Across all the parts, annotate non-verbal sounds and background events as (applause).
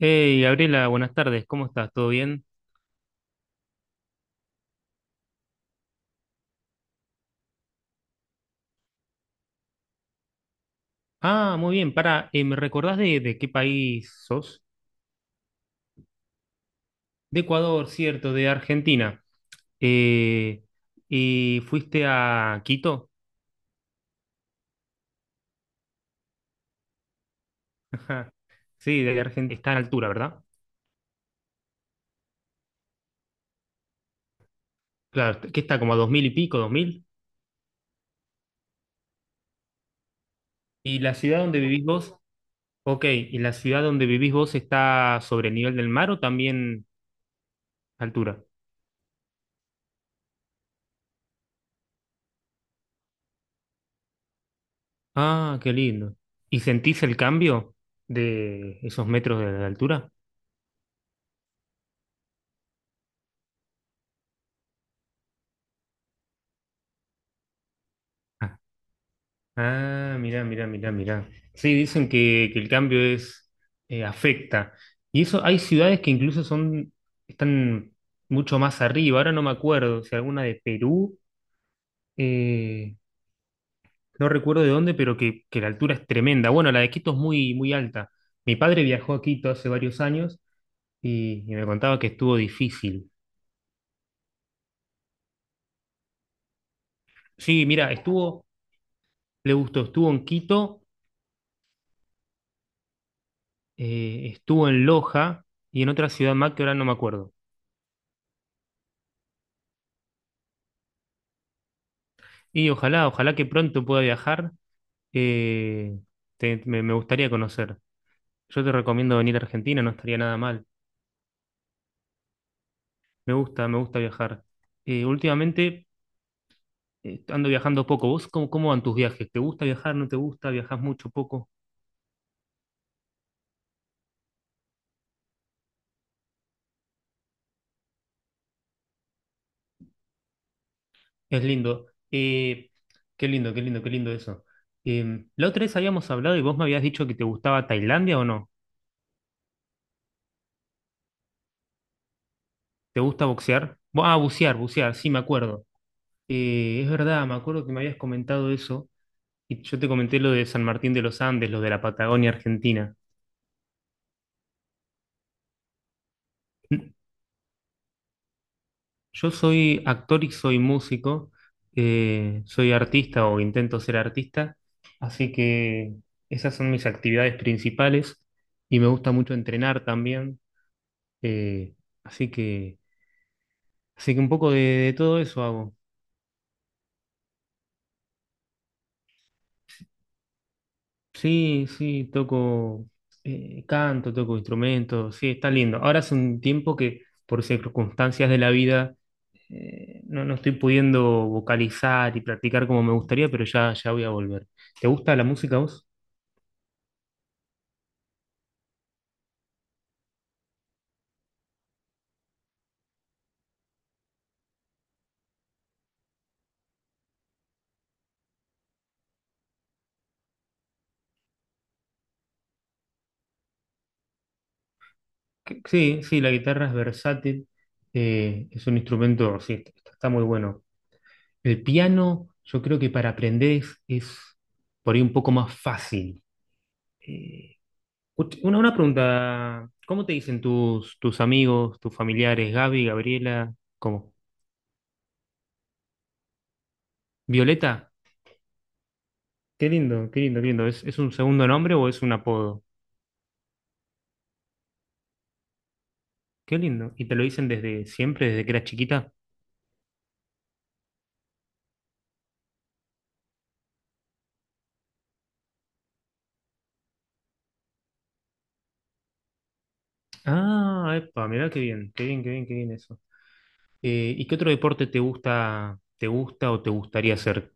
Hey, Gabriela, buenas tardes, ¿cómo estás? ¿Todo bien? Ah, muy bien, para, ¿me recordás de qué país sos? De Ecuador, cierto, de Argentina. Eh, ¿Y fuiste a Quito? (laughs) Ajá. Sí, de Argentina, está en altura, ¿verdad? Claro, que está como a 2.000 y pico, 2.000. ¿Y la ciudad donde vivís vos? Ok, ¿y la ciudad donde vivís vos está sobre el nivel del mar o también altura? Ah, qué lindo. ¿Y sentís el cambio de esos metros de altura? Ah. Ah, mirá, mirá, mirá, mirá. Sí, dicen que el cambio es afecta. Y eso, hay ciudades que incluso están mucho más arriba. Ahora no me acuerdo si alguna de Perú, eh, no recuerdo de dónde, pero que la altura es tremenda. Bueno, la de Quito es muy, muy alta. Mi padre viajó a Quito hace varios años y me contaba que estuvo difícil. Sí, mira, le gustó, estuvo en Quito, estuvo en Loja y en otra ciudad más que ahora no me acuerdo. Y ojalá, ojalá que pronto pueda viajar. eh, me gustaría conocer. Yo te recomiendo venir a Argentina, no estaría nada mal. Me gusta viajar. Últimamente, ando viajando poco. ¿Vos cómo van tus viajes? ¿Te gusta viajar? ¿No te gusta? ¿Viajas mucho, poco? Es lindo. Qué lindo, qué lindo, qué lindo eso. La otra vez habíamos hablado y vos me habías dicho que te gustaba Tailandia o no. ¿Te gusta boxear? Bucear, bucear, sí, me acuerdo. Es verdad, me acuerdo que me habías comentado eso. Y yo te comenté lo de San Martín de los Andes, lo de la Patagonia Argentina. Yo soy actor y soy músico, soy artista o intento ser artista, así que esas son mis actividades principales y me gusta mucho entrenar también, eh, así que, así que, un poco de todo eso hago. Sí, sí, toco canto, toco instrumentos, sí, está lindo. Ahora hace un tiempo que por circunstancias de la vida, no estoy pudiendo vocalizar y practicar como me gustaría, pero ya voy a volver. ¿Te gusta la música a vos? Sí, sí, la guitarra es versátil, es un instrumento, sí, está muy bueno. El piano, yo creo que para aprender es por ahí un poco más fácil. eh, una pregunta, ¿cómo te dicen tus, amigos, tus familiares, Gaby, Gabriela? ¿Cómo? ¿Violeta? Qué lindo, qué lindo, qué lindo. ¿Es un segundo nombre o es un apodo? Qué lindo. ¿Y te lo dicen desde siempre, desde que eras chiquita? Ah, epa, mirá qué bien, qué bien, qué bien, qué bien eso. ¿Y qué otro deporte te gusta o te gustaría hacer?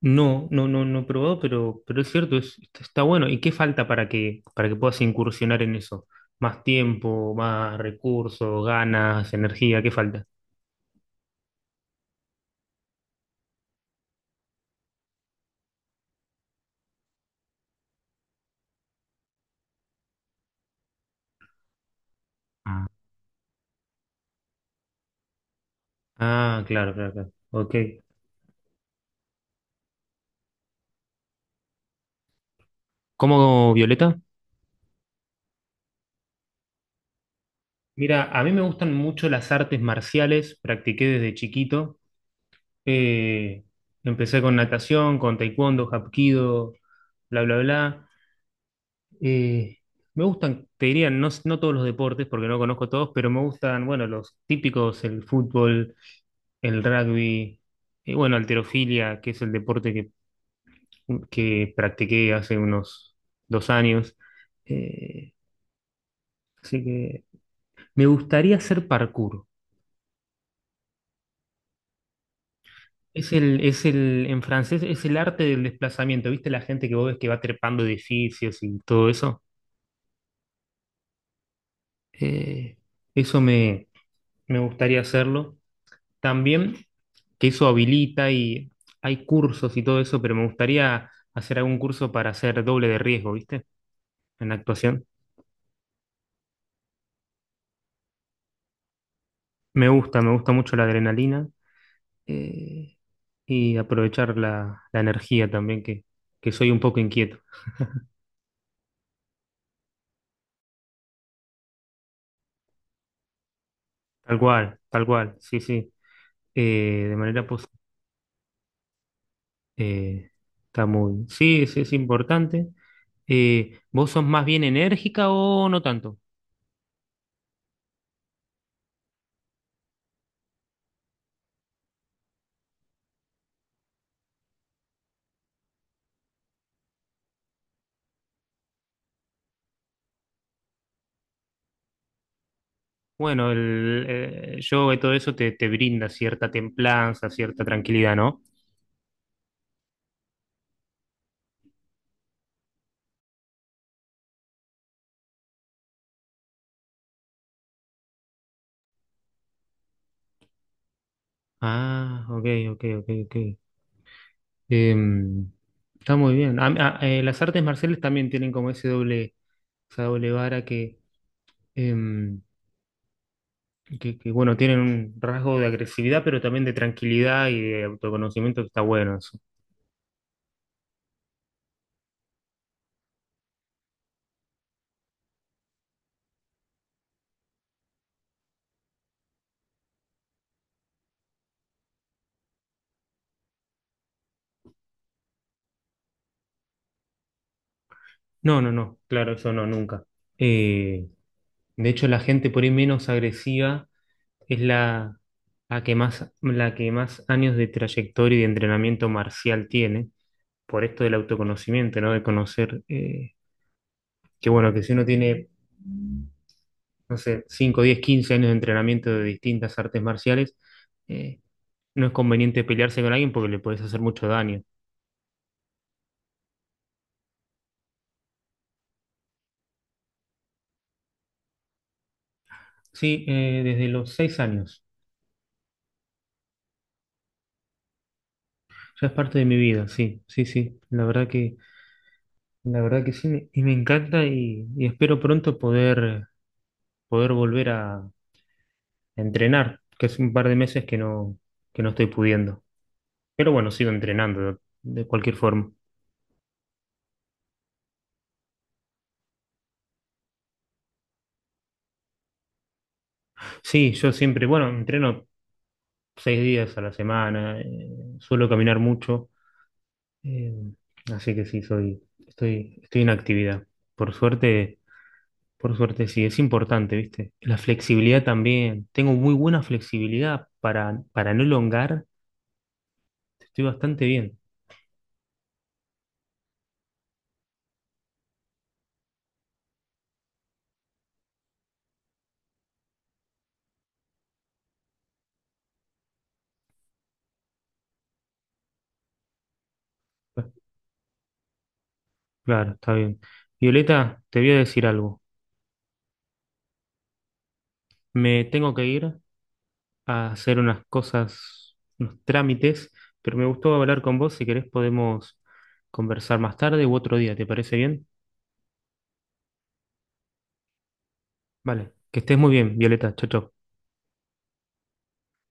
No, no, no, no he probado, pero es cierto, está está bueno. ¿Y qué falta para que puedas incursionar en eso? ¿Más tiempo, más recursos, ganas, energía? ¿Qué falta? Ah, claro, claro, claro. Ok. ¿Cómo, Violeta? Mira, a mí me gustan mucho las artes marciales, practiqué desde chiquito. Eh, Empecé con natación, con taekwondo, hapkido, bla, bla, bla. Eh, Me gustan, te diría, no todos los deportes, porque no conozco todos, pero me gustan, bueno, los típicos, el fútbol, el rugby, y bueno, halterofilia, que es el deporte que practiqué hace unos 2 años. Eh, Así que me gustaría hacer parkour. En francés, es el arte del desplazamiento. ¿Viste la gente que vos ves que va trepando edificios y todo eso? Eh, Eso me gustaría hacerlo también, que eso habilita y hay cursos y todo eso, pero me gustaría hacer algún curso para hacer doble de riesgo, ¿viste? En la actuación. Me gusta mucho la adrenalina, eh, y aprovechar la energía también, que soy un poco inquieto. Tal cual, sí, sí. De manera positiva. Está muy. Sí, sí, es importante. ¿Vos sos más bien enérgica o no tanto? Bueno, el yoga y todo eso te brinda cierta templanza, cierta tranquilidad, ¿no? Ah, ok, ok, ok, ok. Em, Está muy bien. Las artes marciales también tienen como ese doble, esa doble vara em, que bueno, tienen un rasgo de agresividad, pero también de tranquilidad y de autoconocimiento que está bueno eso. No, no, no, claro, eso no, nunca. Eh, de hecho, la gente por ahí menos agresiva. Es la que más, la que más años de trayectoria y de entrenamiento marcial tiene, por esto del autoconocimiento, ¿no? De conocer, que, bueno, que si uno tiene, no sé, 5, 10, 15 años de entrenamiento de distintas artes marciales, eh, no es conveniente pelearse con alguien porque le puedes hacer mucho daño. Sí, desde los 6 años. Ya es parte de mi vida, sí, sí, sí. La verdad que sí, y me encanta y espero pronto poder, poder volver a entrenar, que es un par de meses que no estoy pudiendo. Pero bueno, sigo entrenando de cualquier forma. Sí, yo siempre, bueno, entreno 6 días a la semana, suelo caminar mucho, eh, así que sí, estoy en actividad. Por suerte, por suerte sí, es importante, ¿viste? La flexibilidad también. Tengo muy buena flexibilidad para no elongar, estoy bastante bien. Claro, está bien. Violeta, te voy a decir algo. Me tengo que ir, a hacer unas cosas, unos trámites, pero me gustó hablar con vos. Si querés podemos conversar más tarde u otro día, ¿te parece bien? Vale, que estés muy bien, Violeta. Chau, chau.